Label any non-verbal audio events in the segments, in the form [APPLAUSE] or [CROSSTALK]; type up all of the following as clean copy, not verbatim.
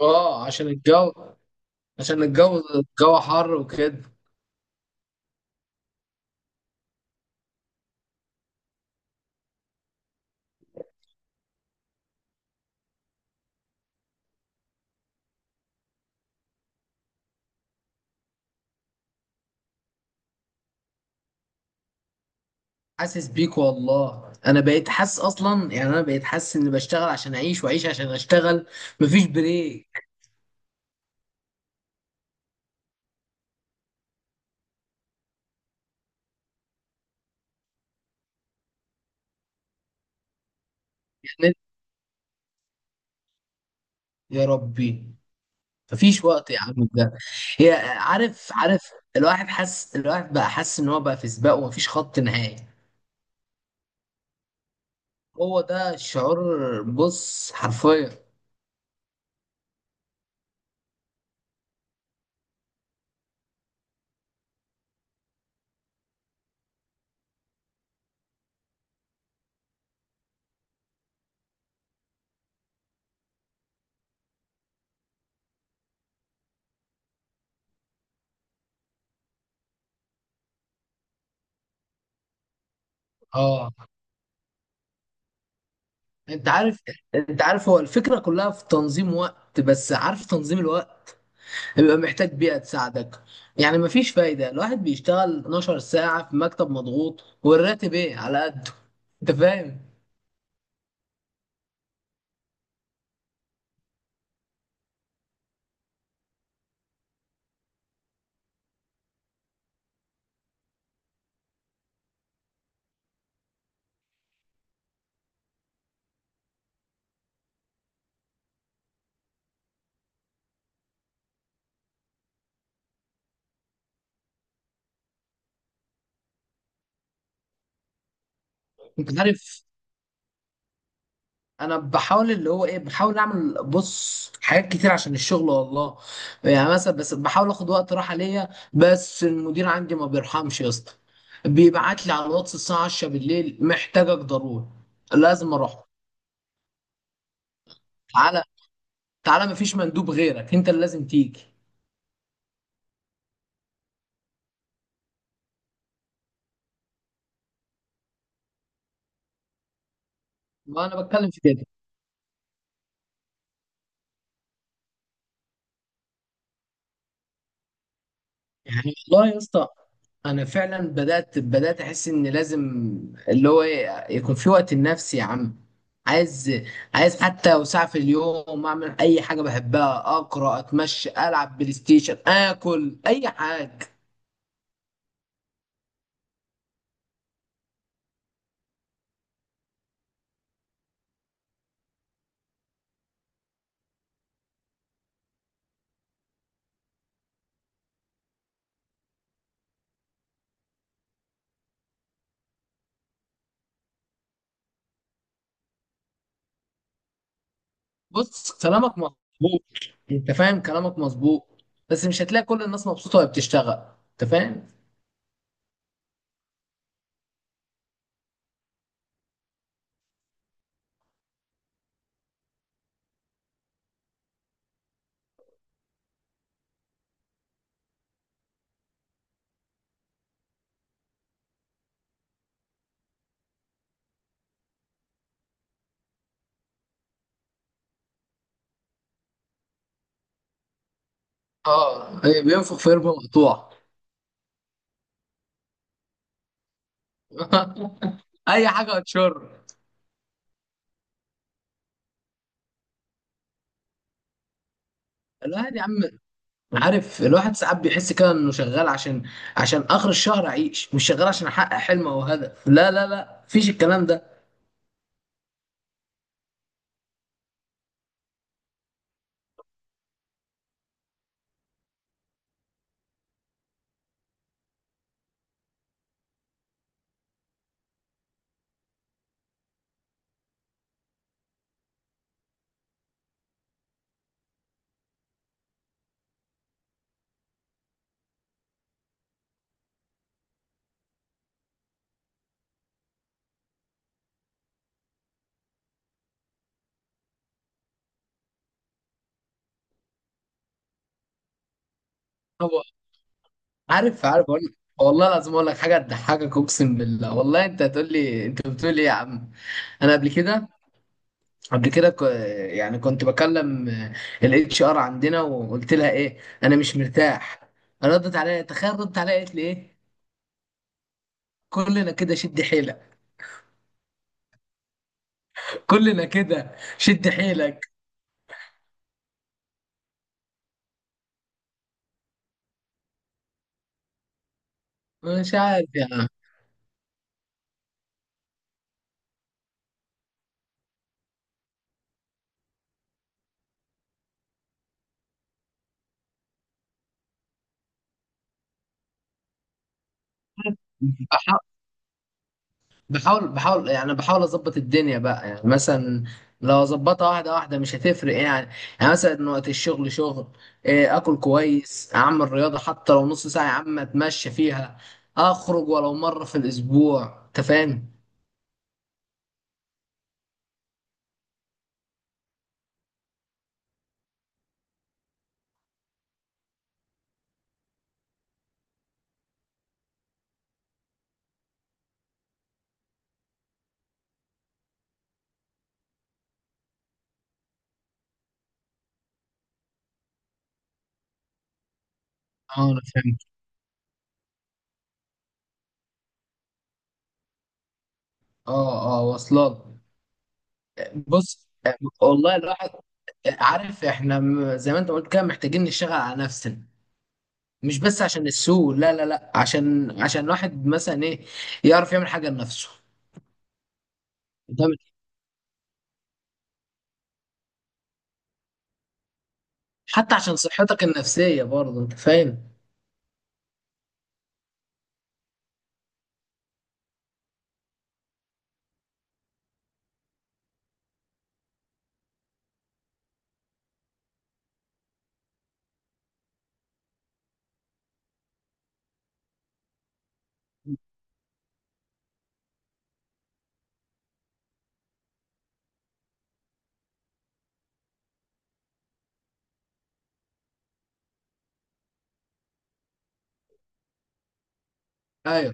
اه، عشان الجو. عشان الجو، الجو حر وكده. حاسس بيك والله، انا بقيت حاسس اصلا. يعني انا بقيت حاسس اني بشتغل عشان اعيش واعيش عشان اشتغل. مفيش بريك. يعني يا ربي، مفيش وقت يا عم ده. هي، عارف عارف. الواحد حاسس، الواحد بقى حاسس ان هو بقى في سباق ومفيش خط نهائي. هو ده الشعور، بص حرفيا. اه. انت عارف، انت عارف هو الفكرة كلها في تنظيم وقت. بس عارف، تنظيم الوقت بيبقى محتاج بيئة تساعدك. يعني مفيش فايدة الواحد بيشتغل 12 ساعة في مكتب مضغوط والراتب ايه على قده. انت فاهم. انت عارف انا بحاول، اللي هو ايه، بحاول اعمل بص حاجات كتير عشان الشغل والله. يعني مثلا بس بحاول اخد وقت راحة ليا، بس المدير عندي ما بيرحمش يا اسطى. بيبعت لي على الواتس الساعة 10 بالليل: محتاجك ضروري، لازم اروح. تعالى تعالى، مفيش مندوب غيرك، انت اللي لازم تيجي. ما انا بتكلم في كده. يعني والله يا اسطى انا فعلا بدات، بدات احس ان لازم، اللي هو إيه، يكون في وقت لنفسي يا عم. عايز، عايز حتى لو ساعه في اليوم اعمل اي حاجه بحبها: اقرا، اتمشى، العب بلاي ستيشن، اكل اي حاجه. بص كلامك مظبوط، انت فاهم كلامك مظبوط. بس مش هتلاقي كل الناس مبسوطه وهي بتشتغل، انت فاهم. اه إيه، بينفخ في قربه مقطوع. [LAUGHS] اي حاجه هتشر. الواحد يا عم، عارف الواحد ساعات بيحس كده انه شغال عشان، عشان اخر الشهر اعيش. مش شغال عشان احقق حلم او هدف. لا لا لا، مفيش الكلام ده. هو، عارف عارف. اقول لك والله العظيم، اقول لك حاجه تضحكك، اقسم بالله والله انت هتقول لي انت بتقول ايه يا عم. انا قبل كده، قبل كده ك- يعني كنت بكلم الاتش ار عندنا وقلت لها ايه: انا مش مرتاح. ردت عليا، تخيل، ردت عليا قالت لي ايه: كلنا كده، شد حيلك. كلنا كده، شد حيلك. مش عارف يا عم. بحاول، بحاول، يعني بحاول اظبط الدنيا بقى. يعني مثلا لو اظبطها واحده واحده مش هتفرق يعني. يعني مثلا وقت الشغل شغل، إيه، اكل كويس، اعمل رياضه حتى لو نص ساعه يا عم اتمشى فيها، اخرج ولو مره في الاسبوع، انت فاهم. اه انا فهمت. اه اه، واصلات. بص والله الواحد، عارف احنا زي ما انت قلت كده محتاجين نشتغل على نفسنا. مش بس عشان السوق، لا لا لا، عشان، عشان الواحد مثلا ايه، يعرف يعمل حاجه لنفسه ده. حتى عشان صحتك النفسية برضه، انت فاهم. ايوه.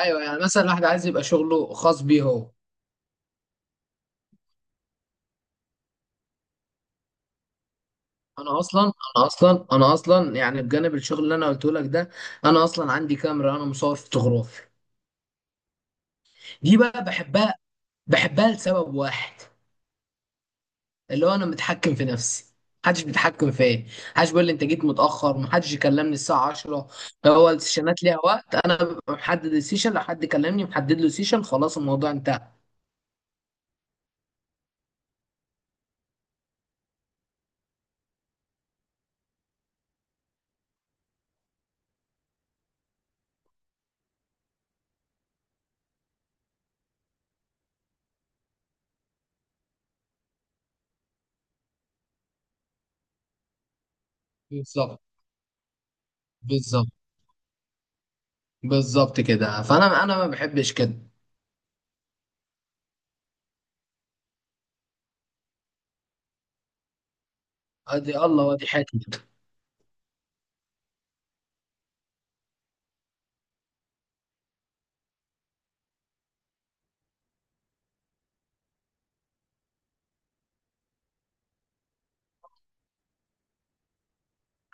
ايوه يعني مثلا الواحد عايز يبقى شغله خاص بيه هو. انا اصلا، يعني بجانب الشغل اللي انا قلته لك ده، انا اصلا عندي كاميرا، انا مصور فوتوغرافي. دي بقى بحبها، بحبها لسبب واحد، اللي هو انا متحكم في نفسي، محدش بيتحكم فيا. محدش بيقول لي انت جيت متاخر، محدش يكلمني الساعه 10. لو هو السيشنات ليها وقت، انا ببقى محدد السيشن. لو حد كلمني محدد له سيشن، خلاص الموضوع انتهى. بالظبط. بالظبط. بالظبط كده، فانا انا ما بحبش كده. ادي الله وادي حياتي كده.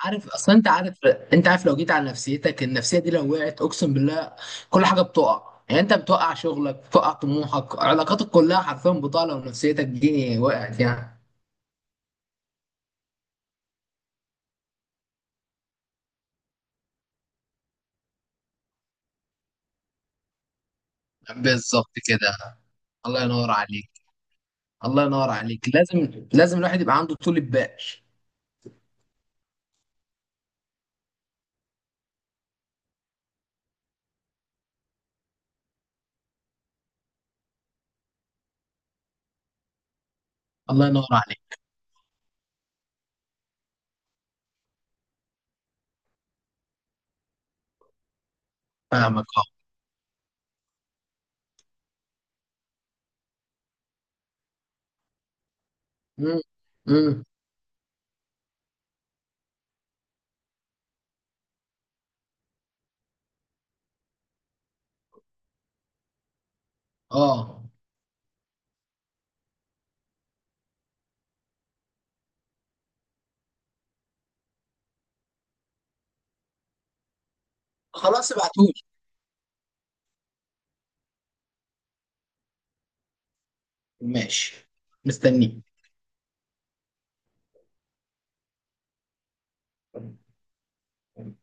عارف اصلا، انت عارف، انت عارف لو جيت على نفسيتك، النفسيه دي لو وقعت اقسم بالله كل حاجه بتقع. يعني انت بتوقع شغلك، بتوقع طموحك، علاقاتك كلها حرفيا بتقع لو نفسيتك دي وقعت يعني. بالظبط كده. الله ينور عليك. الله ينور عليك، لازم، لازم الواحد يبقى عنده طول بال. الله ينور عليك. فاهمك اه. امم امم اه خلاص ابعتولي. ماشي، مستنيك.